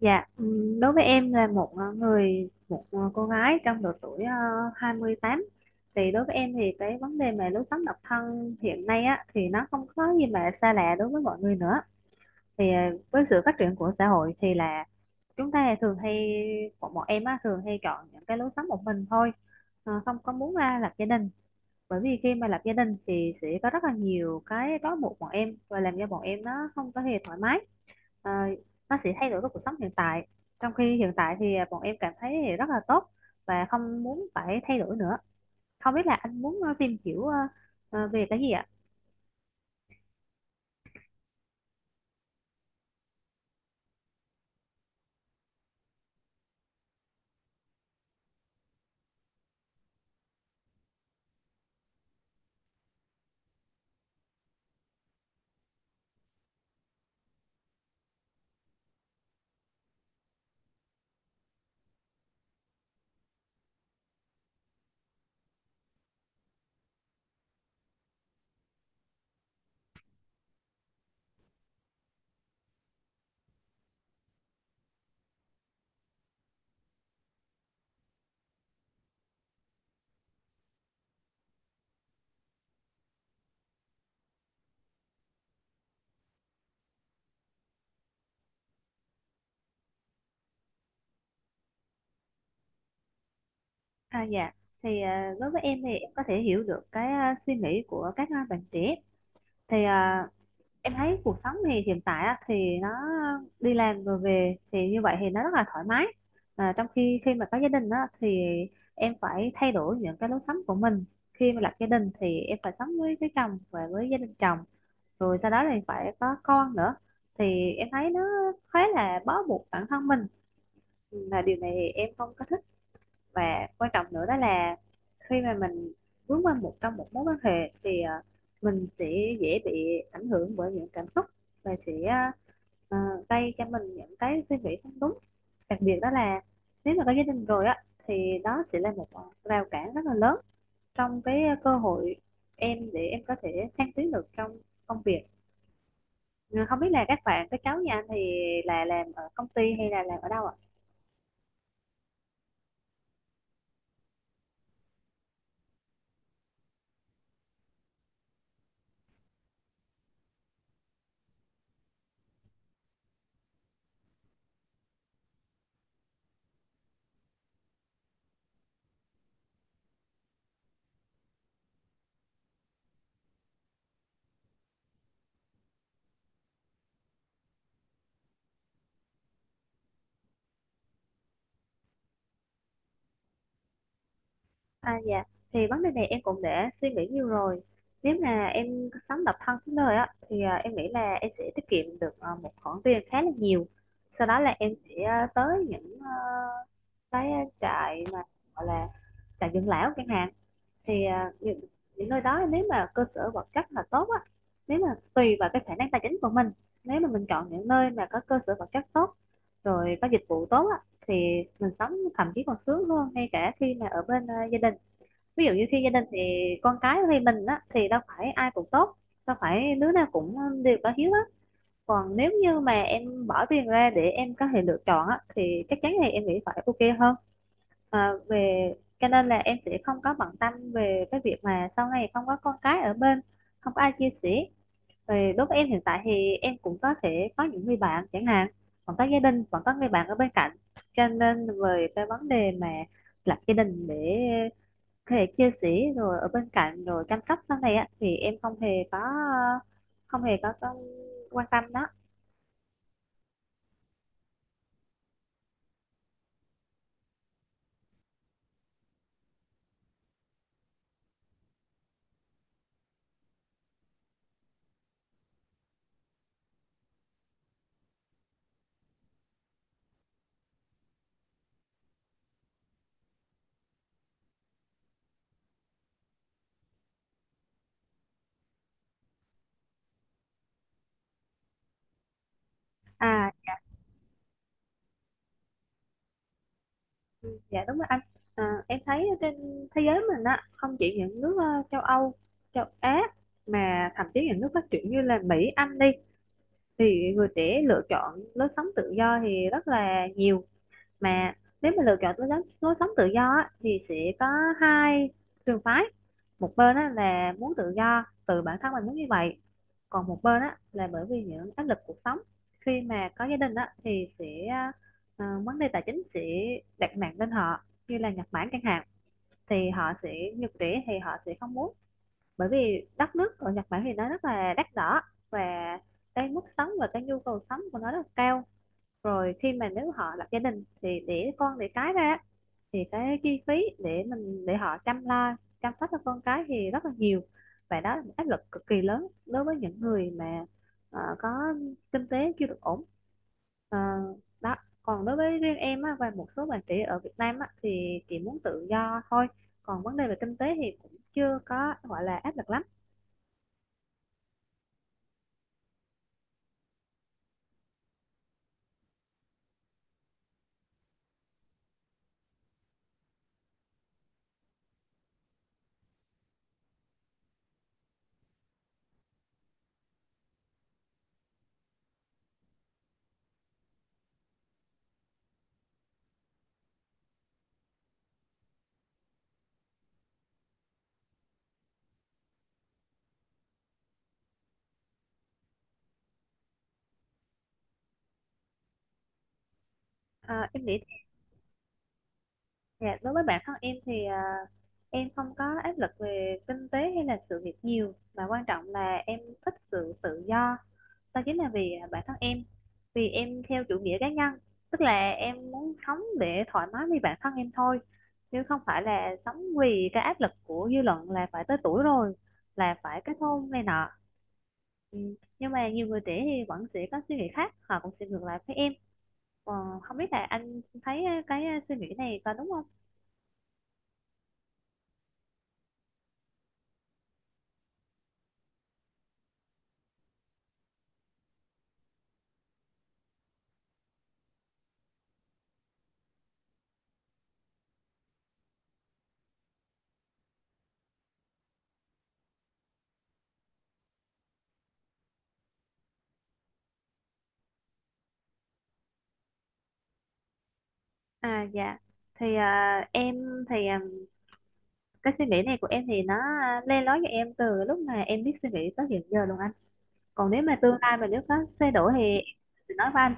Dạ, đối với em là một người một cô gái trong độ tuổi 28. Thì đối với em thì cái vấn đề mà lối sống độc thân hiện nay á thì nó không có gì mà xa lạ đối với mọi người nữa. Thì ờ, với sự phát triển của xã hội thì là chúng ta thường hay bọn bọn em á thường hay chọn những cái lối sống một mình thôi, không có muốn ra lập gia đình. Bởi vì khi mà lập gia đình thì sẽ có rất là nhiều cái trói buộc bọn em và làm cho bọn em nó không có hề thoải mái ờ, nó sẽ thay đổi với cuộc sống hiện tại, trong khi hiện tại thì à, bọn em cảm thấy rất là tốt và không muốn phải thay đổi nữa. Không biết là anh muốn tìm hiểu về cái gì ạ? À dạ, thì ờ, đối với em thì em có thể hiểu được cái suy nghĩ của các bạn trẻ, thì ờ, em thấy cuộc sống thì hiện tại á, thì nó đi làm rồi về thì như vậy thì nó rất là thoải mái. À, trong khi khi mà có gia đình á, thì em phải thay đổi những cái lối sống của mình, khi mà lập gia đình thì em phải sống với chồng và với gia đình chồng, rồi sau đó thì phải có con nữa, thì em thấy nó khá là bó buộc bản thân mình, là điều này thì em không có thích. Và quan trọng nữa đó là khi mà mình vướng qua một trong một mối quan hệ mình sẽ dễ bị ảnh hưởng bởi những cảm xúc và sẽ ờ, gây cho mình những cái suy nghĩ không đúng. Đặc biệt đó là nếu mà có gia đình rồi á thì đó sẽ là một rào cản rất là lớn trong cái cơ hội em để em có thể thăng tiến được trong công việc. Ừ, không biết là các bạn các cháu nhà anh thì là làm ở công ty hay là làm ở đâu ạ? À dạ, thì vấn đề này em cũng đã suy nghĩ nhiều rồi. Nếu mà em sống độc thân suốt đời á, thì à, em nghĩ là em sẽ tiết kiệm được à, một khoản tiền khá là nhiều. Sau đó là em sẽ à, tới những à, cái trại mà gọi là trại dưỡng lão chẳng hạn. Thì à, những nơi đó nếu mà cơ sở vật chất là tốt á, nếu mà tùy vào cái khả năng tài chính của mình. Nếu mà mình chọn những nơi mà có cơ sở vật chất tốt, rồi có dịch vụ tốt á, thì mình sống thậm chí còn sướng hơn ngay cả khi mà ở bên à, gia đình. Ví dụ như khi gia đình thì con cái thì mình á thì đâu phải ai cũng tốt, đâu phải đứa nào cũng đều có hiếu á. Còn nếu như mà em bỏ tiền ra để em có thể lựa chọn á thì chắc chắn thì em nghĩ phải ok hơn à, về, cho nên là em sẽ không có bận tâm về cái việc mà sau này không có con cái ở bên, không có ai chia sẻ. Về đối với em hiện tại thì em cũng có thể có những người bạn chẳng hạn, còn có gia đình còn có người bạn ở bên cạnh, cho nên về cái vấn đề mà lập gia đình để thể chia sẻ rồi ở bên cạnh rồi chăm sóc sau này á thì em không hề có, không hề có quan tâm đó. À ừ, dạ đúng rồi anh, à, em thấy trên thế giới mình á không chỉ những nước châu Âu, châu Á, mà thậm chí những nước phát triển như là Mỹ Anh đi thì người trẻ lựa chọn lối sống tự do thì rất là nhiều. Mà nếu mà lựa chọn lối sống tự do á, thì sẽ có hai trường phái: một bên á, là muốn tự do từ bản thân mình muốn như vậy, còn một bên á, là bởi vì những áp lực cuộc sống. Khi mà có gia đình á, thì sẽ vấn đề tài chính sẽ đặt nặng lên họ, như là Nhật Bản chẳng hạn, thì họ sẽ nhật trẻ thì họ sẽ không muốn, bởi vì đất nước ở Nhật Bản thì nó rất là đắt đỏ, và cái mức sống và cái nhu cầu sống của nó rất là cao. Rồi khi mà nếu họ lập gia đình thì để con để cái ra thì cái chi phí để mình để họ chăm lo, chăm sóc cho con cái thì rất là nhiều, và đó là một áp lực cực kỳ lớn đối với những người mà có kinh tế chưa được ổn. Ờ, đó, còn đối với riêng em á, và một số bạn trẻ ở Việt Nam á, thì chị muốn tự do thôi, còn vấn đề về kinh tế thì cũng chưa có gọi là áp lực lắm. Ờ, em nghĩ thì dạ, đối với bản thân em thì ờ, em không có áp lực về kinh tế hay là sự việc nhiều mà quan trọng là em thích sự tự do. Đó chính là vì à, bản thân em. Vì em theo chủ nghĩa cá nhân, tức là em muốn sống để thoải mái với bản thân em thôi. Chứ không phải là sống vì cái áp lực của dư luận là phải tới tuổi rồi, là phải kết hôn này nọ. Ừ. Nhưng mà nhiều người trẻ thì vẫn sẽ có suy nghĩ khác, họ cũng sẽ ngược lại với em. Ờ, không biết là anh thấy cái à, suy nghĩ này có đúng không? À dạ thì à, em thì à, cái suy nghĩ này của em thì nó à, le lói cho em từ lúc mà em biết suy nghĩ tới hiện giờ luôn anh, còn nếu mà tương lai mà nếu có thay đổi thì em sẽ nói với anh.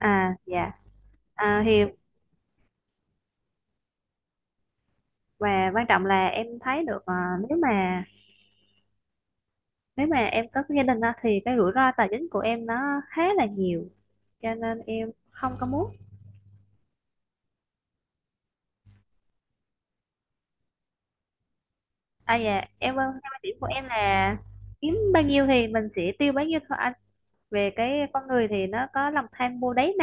À dạ, à, thì và quan trọng là em thấy được à, nếu mà nếu mà em có gia đình á, thì cái rủi ro tài chính của em nó khá là nhiều, cho nên em không có muốn. À dạ em quan theo quan điểm của em là kiếm bao nhiêu thì mình sẽ tiêu bấy nhiêu thôi anh, về cái con người thì nó có lòng tham vô đáy.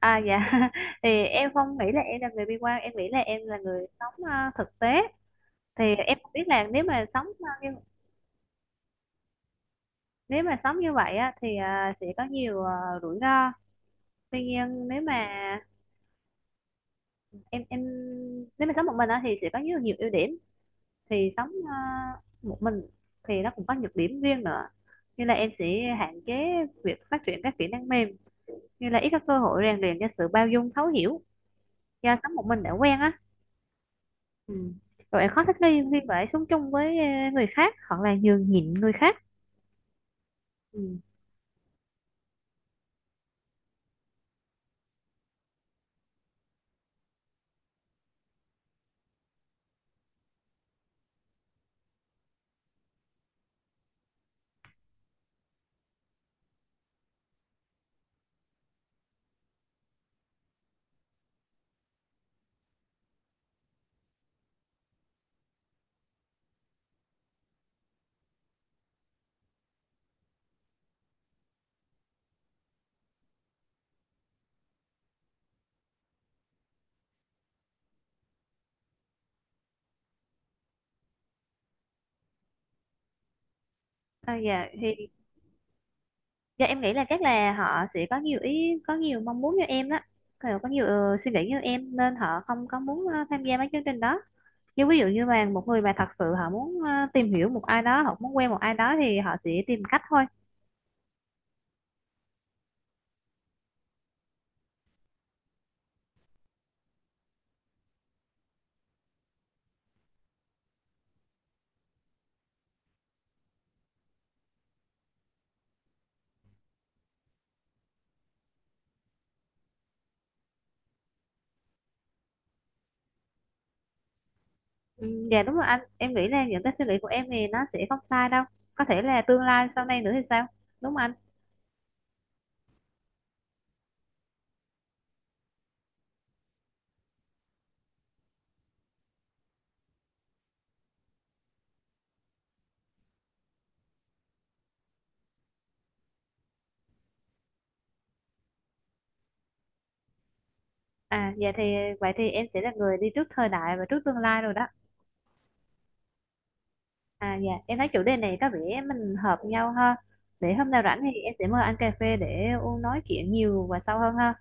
À dạ thì em không nghĩ là em là người bi quan, em nghĩ là em là người sống thực tế, thì em không biết là nếu mà sống như nếu mà sống như vậy á, thì sẽ có nhiều rủi ro. Tuy nhiên nếu mà em nếu mà sống một mình á, thì sẽ có nhiều nhiều ưu điểm, thì sống một mình thì nó cũng có nhược điểm riêng nữa, như là em sẽ hạn chế việc phát triển các kỹ năng mềm, như là ít có cơ hội rèn luyện cho sự bao dung thấu hiểu do sống một mình đã quen á. Ừ. Rồi bạn khó thích nghi khi phải sống chung với người khác hoặc là nhường nhịn người khác. Ừ. À, dạ thì dạ, em nghĩ là chắc là họ sẽ có nhiều ý có nhiều mong muốn như em đó. Kiểu có nhiều suy nghĩ như em nên họ không có muốn tham gia mấy chương trình đó, nhưng ví dụ như là một người mà thật sự họ muốn tìm hiểu một ai đó hoặc muốn quen một ai đó thì họ sẽ tìm cách thôi. Ừ, dạ đúng rồi anh, em nghĩ là những cái suy nghĩ của em thì nó sẽ không sai đâu, có thể là tương lai sau này nữa thì sao, đúng không anh? À dạ thì vậy thì em sẽ là người đi trước thời đại và trước tương lai rồi đó. À dạ em thấy chủ đề này có vẻ mình hợp nhau ha. Để hôm nào rảnh thì em sẽ mời anh cà phê để u nói chuyện nhiều và sâu hơn ha.